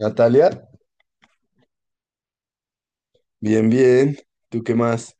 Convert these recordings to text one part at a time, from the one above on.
Natalia, bien, bien. ¿Tú qué más?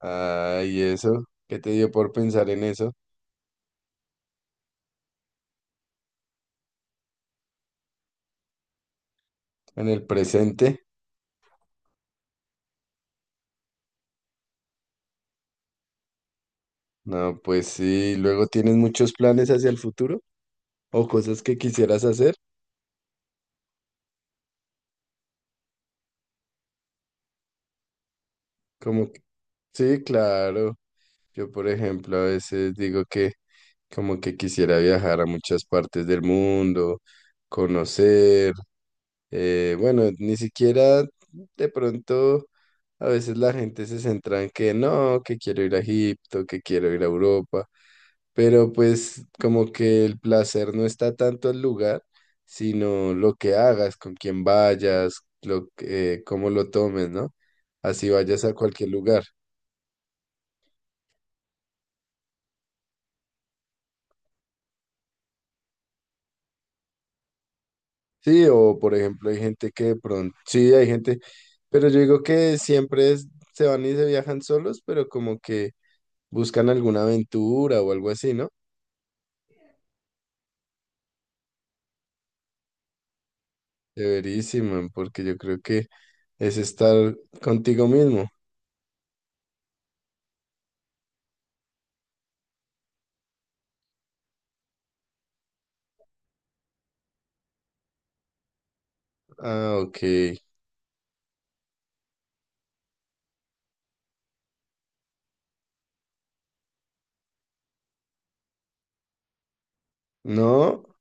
¿Ay, eso? ¿Qué te dio por pensar en eso? ¿En el presente? No, pues sí. ¿Luego tienes muchos planes hacia el futuro? ¿O cosas que quisieras hacer? Como que- Sí, claro. Yo, por ejemplo, a veces digo que como que quisiera viajar a muchas partes del mundo, conocer. Bueno, ni siquiera de pronto a veces la gente se centra en que no, que quiero ir a Egipto, que quiero ir a Europa, pero pues como que el placer no está tanto el lugar, sino lo que hagas, con quién vayas, cómo lo tomes, ¿no? Así vayas a cualquier lugar. Sí, o por ejemplo hay gente que de pronto, sí, hay gente, pero yo digo que se van y se viajan solos, pero como que buscan alguna aventura o algo así, ¿no? Chéverísimo, porque yo creo que es estar contigo mismo. Ah, ok. No,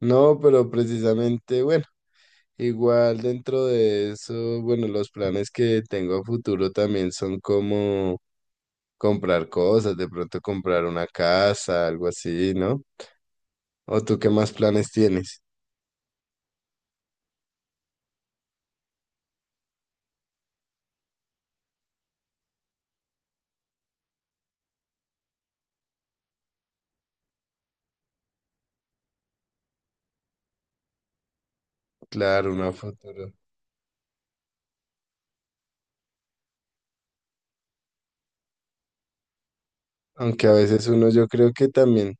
no, pero precisamente, bueno, igual dentro de eso, bueno, los planes que tengo a futuro también son como comprar cosas, de pronto comprar una casa, algo así, ¿no? ¿O tú qué más planes tienes? Claro, una futuro. Aunque a veces uno yo creo que también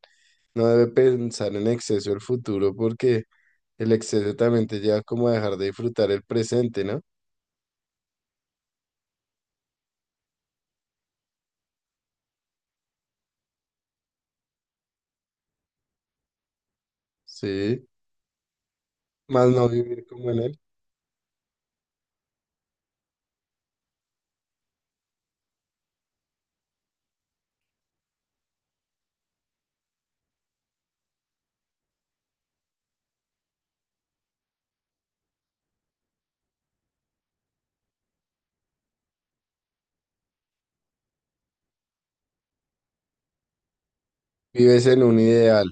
no debe pensar en exceso el futuro porque el exceso también te lleva como a dejar de disfrutar el presente, ¿no? Sí, más no vivir como en él. Vives en un ideal.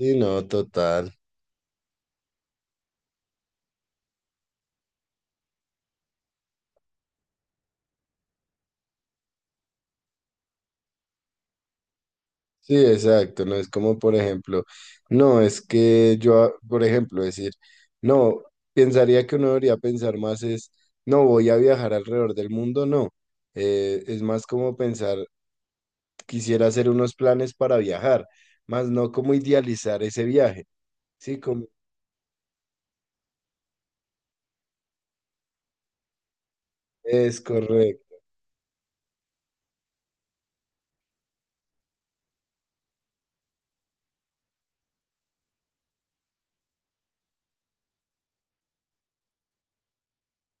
Sí, no, total. Sí, exacto. No es como, por ejemplo, no, es que por ejemplo, decir, no, pensaría que uno debería pensar más es, no, voy a viajar alrededor del mundo, no. Es más como pensar, quisiera hacer unos planes para viajar, más no como idealizar ese viaje. Sí, como es correcto.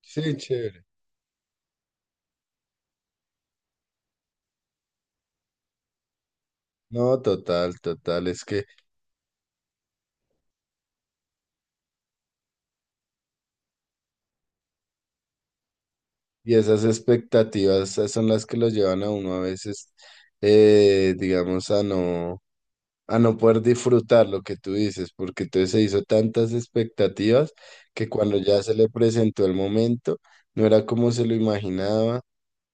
Sí, chévere. No, total, total, es que, y esas expectativas son las que los llevan a uno a veces, digamos, a no poder disfrutar lo que tú dices, porque entonces se hizo tantas expectativas que cuando ya se le presentó el momento, no era como se lo imaginaba,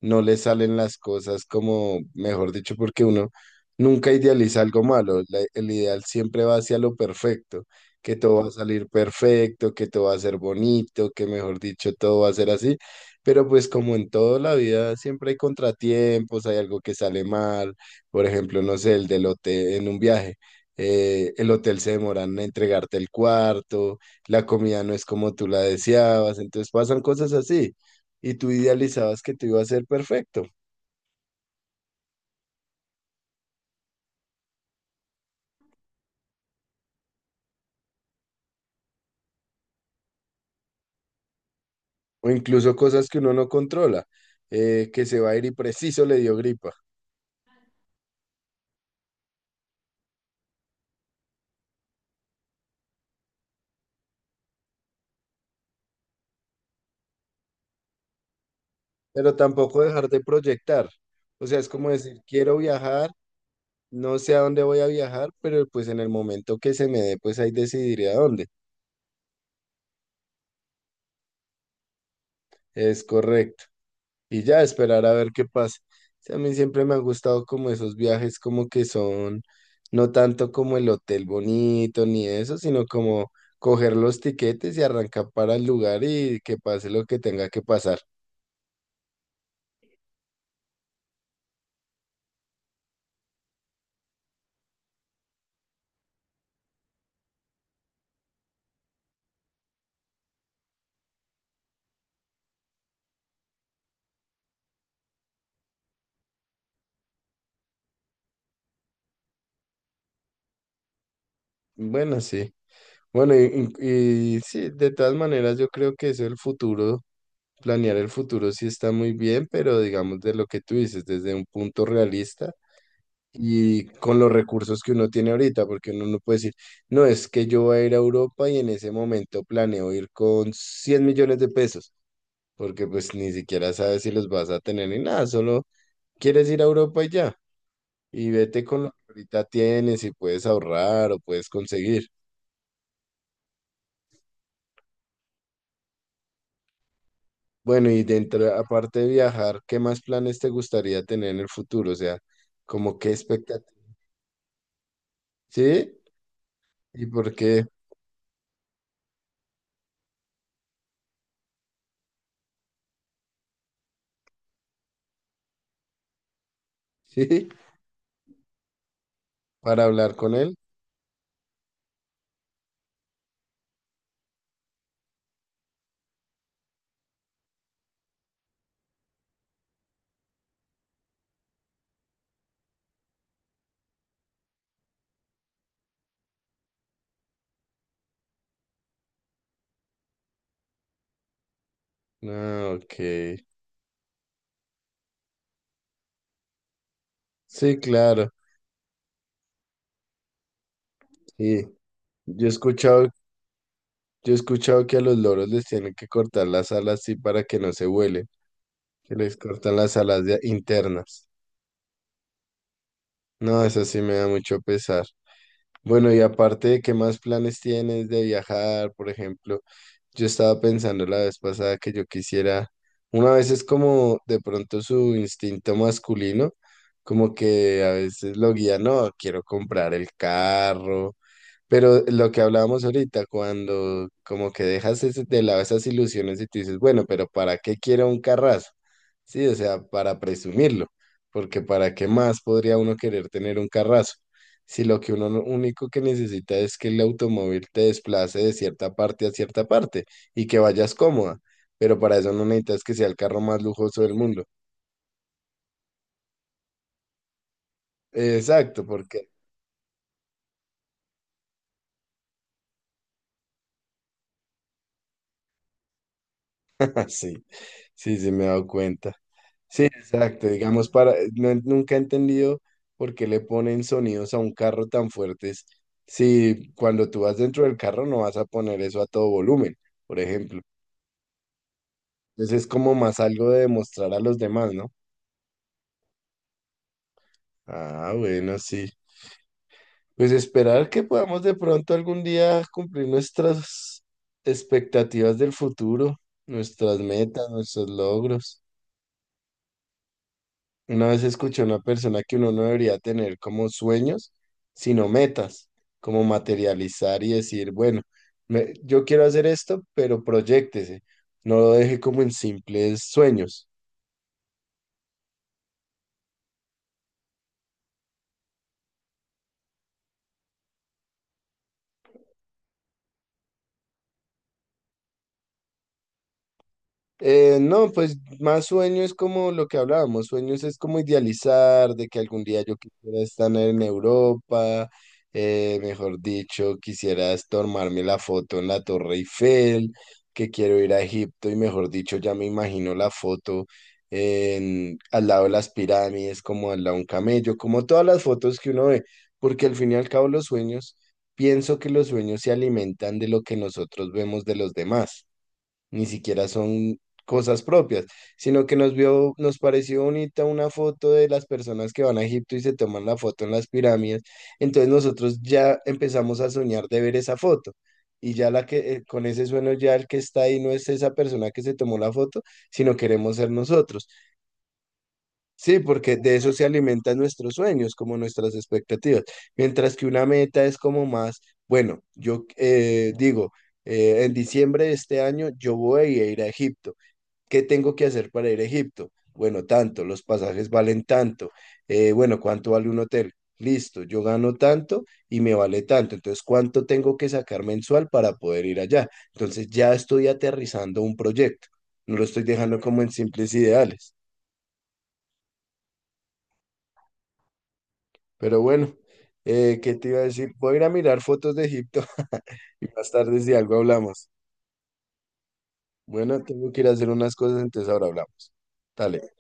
no le salen las cosas como, mejor dicho, porque uno nunca idealiza algo malo, el ideal siempre va hacia lo perfecto, que todo va a salir perfecto, que todo va a ser bonito, que mejor dicho, todo va a ser así, pero pues como en toda la vida siempre hay contratiempos, hay algo que sale mal por ejemplo, no sé, el del hotel en un viaje. El hotel se demoran en entregarte el cuarto, la comida no es como tú la deseabas, entonces pasan cosas así y tú idealizabas que te iba a ser perfecto, o incluso cosas que uno no controla, que se va a ir y preciso le dio gripa, pero tampoco dejar de proyectar, o sea, es como decir, quiero viajar, no sé a dónde voy a viajar, pero pues en el momento que se me dé, pues ahí decidiré a dónde, es correcto. Y ya esperar a ver qué pasa. Sí, a mí siempre me han gustado como esos viajes como que son no tanto como el hotel bonito ni eso, sino como coger los tiquetes y arrancar para el lugar y que pase lo que tenga que pasar. Bueno, sí. Bueno, y sí, de todas maneras yo creo que eso el futuro, planear el futuro sí está muy bien, pero digamos de lo que tú dices, desde un punto realista. Y con los recursos que uno tiene ahorita, porque uno no puede decir, no, es que yo voy a ir a Europa y en ese momento planeo ir con 100 millones de pesos, porque pues ni siquiera sabes si los vas a tener ni nada, solo quieres ir a Europa y ya, y vete con lo que ahorita tienes y puedes ahorrar o puedes conseguir. Bueno, y dentro, aparte de viajar, ¿qué más planes te gustaría tener en el futuro? O sea, como qué expectativa, ¿sí? ¿Y por qué? ¿Sí? ¿Para hablar con él? Ah, ok. Sí, claro. Y yo he escuchado, yo he escuchado que a los loros les tienen que cortar las alas así para que no se vuelen, que les cortan las alas internas. No, eso sí me da mucho pesar. Bueno, y aparte de qué más planes tienes de viajar, por ejemplo, yo estaba pensando la vez pasada que yo quisiera, una vez es como de pronto su instinto masculino, como que a veces lo guía, no, quiero comprar el carro. Pero lo que hablábamos ahorita, cuando como que dejas de lado esas ilusiones y tú dices, bueno, pero ¿para qué quiero un carrazo? Sí, o sea, para presumirlo, porque ¿para qué más podría uno querer tener un carrazo? Si lo que uno no- único que necesita es que el automóvil te desplace de cierta parte a cierta parte y que vayas cómoda, pero para eso no necesitas que sea el carro más lujoso del mundo. Exacto, porque así. Sí, sí, me he dado cuenta. Sí, exacto. Digamos, para, no- nunca he entendido por qué le ponen sonidos a un carro tan fuertes si cuando tú vas dentro del carro no vas a poner eso a todo volumen, por ejemplo. Entonces es como más algo de demostrar a los demás, ¿no? Ah, bueno, sí. Pues esperar que podamos de pronto algún día cumplir nuestras expectativas del futuro, nuestras metas, nuestros logros. Una vez escuché a una persona que uno no debería tener como sueños, sino metas, como materializar y decir, bueno, yo quiero hacer esto, pero proyéctese, no lo deje como en simples sueños. No, pues más sueño es como lo que hablábamos, sueños es como idealizar de que algún día yo quisiera estar en Europa, mejor dicho, quisiera es tomarme la foto en la Torre Eiffel, que quiero ir a Egipto y mejor dicho, ya me imagino la foto en, al lado de las pirámides, como al lado de un camello, como todas las fotos que uno ve, porque al fin y al cabo los sueños, pienso que los sueños se alimentan de lo que nosotros vemos de los demás ni siquiera son cosas propias, sino que nos pareció bonita una foto de las personas que van a Egipto y se toman la foto en las pirámides. Entonces nosotros ya empezamos a soñar de ver esa foto. Y ya la que con ese sueño ya el que está ahí no es esa persona que se tomó la foto, sino queremos ser nosotros. Sí, porque de eso se alimentan nuestros sueños, como nuestras expectativas. Mientras que una meta es como más, bueno, yo digo, en diciembre de este año yo voy a ir a Egipto. ¿Qué tengo que hacer para ir a Egipto? Bueno, tanto, los pasajes valen tanto. Bueno, ¿cuánto vale un hotel? Listo, yo gano tanto y me vale tanto. Entonces, ¿cuánto tengo que sacar mensual para poder ir allá? Entonces, ya estoy aterrizando un proyecto. No lo estoy dejando como en simples ideales. Pero bueno, ¿qué te iba a decir? Voy a ir a mirar fotos de Egipto y más tarde si algo hablamos. Bueno, tengo que ir a hacer unas cosas, entonces ahora hablamos. Dale.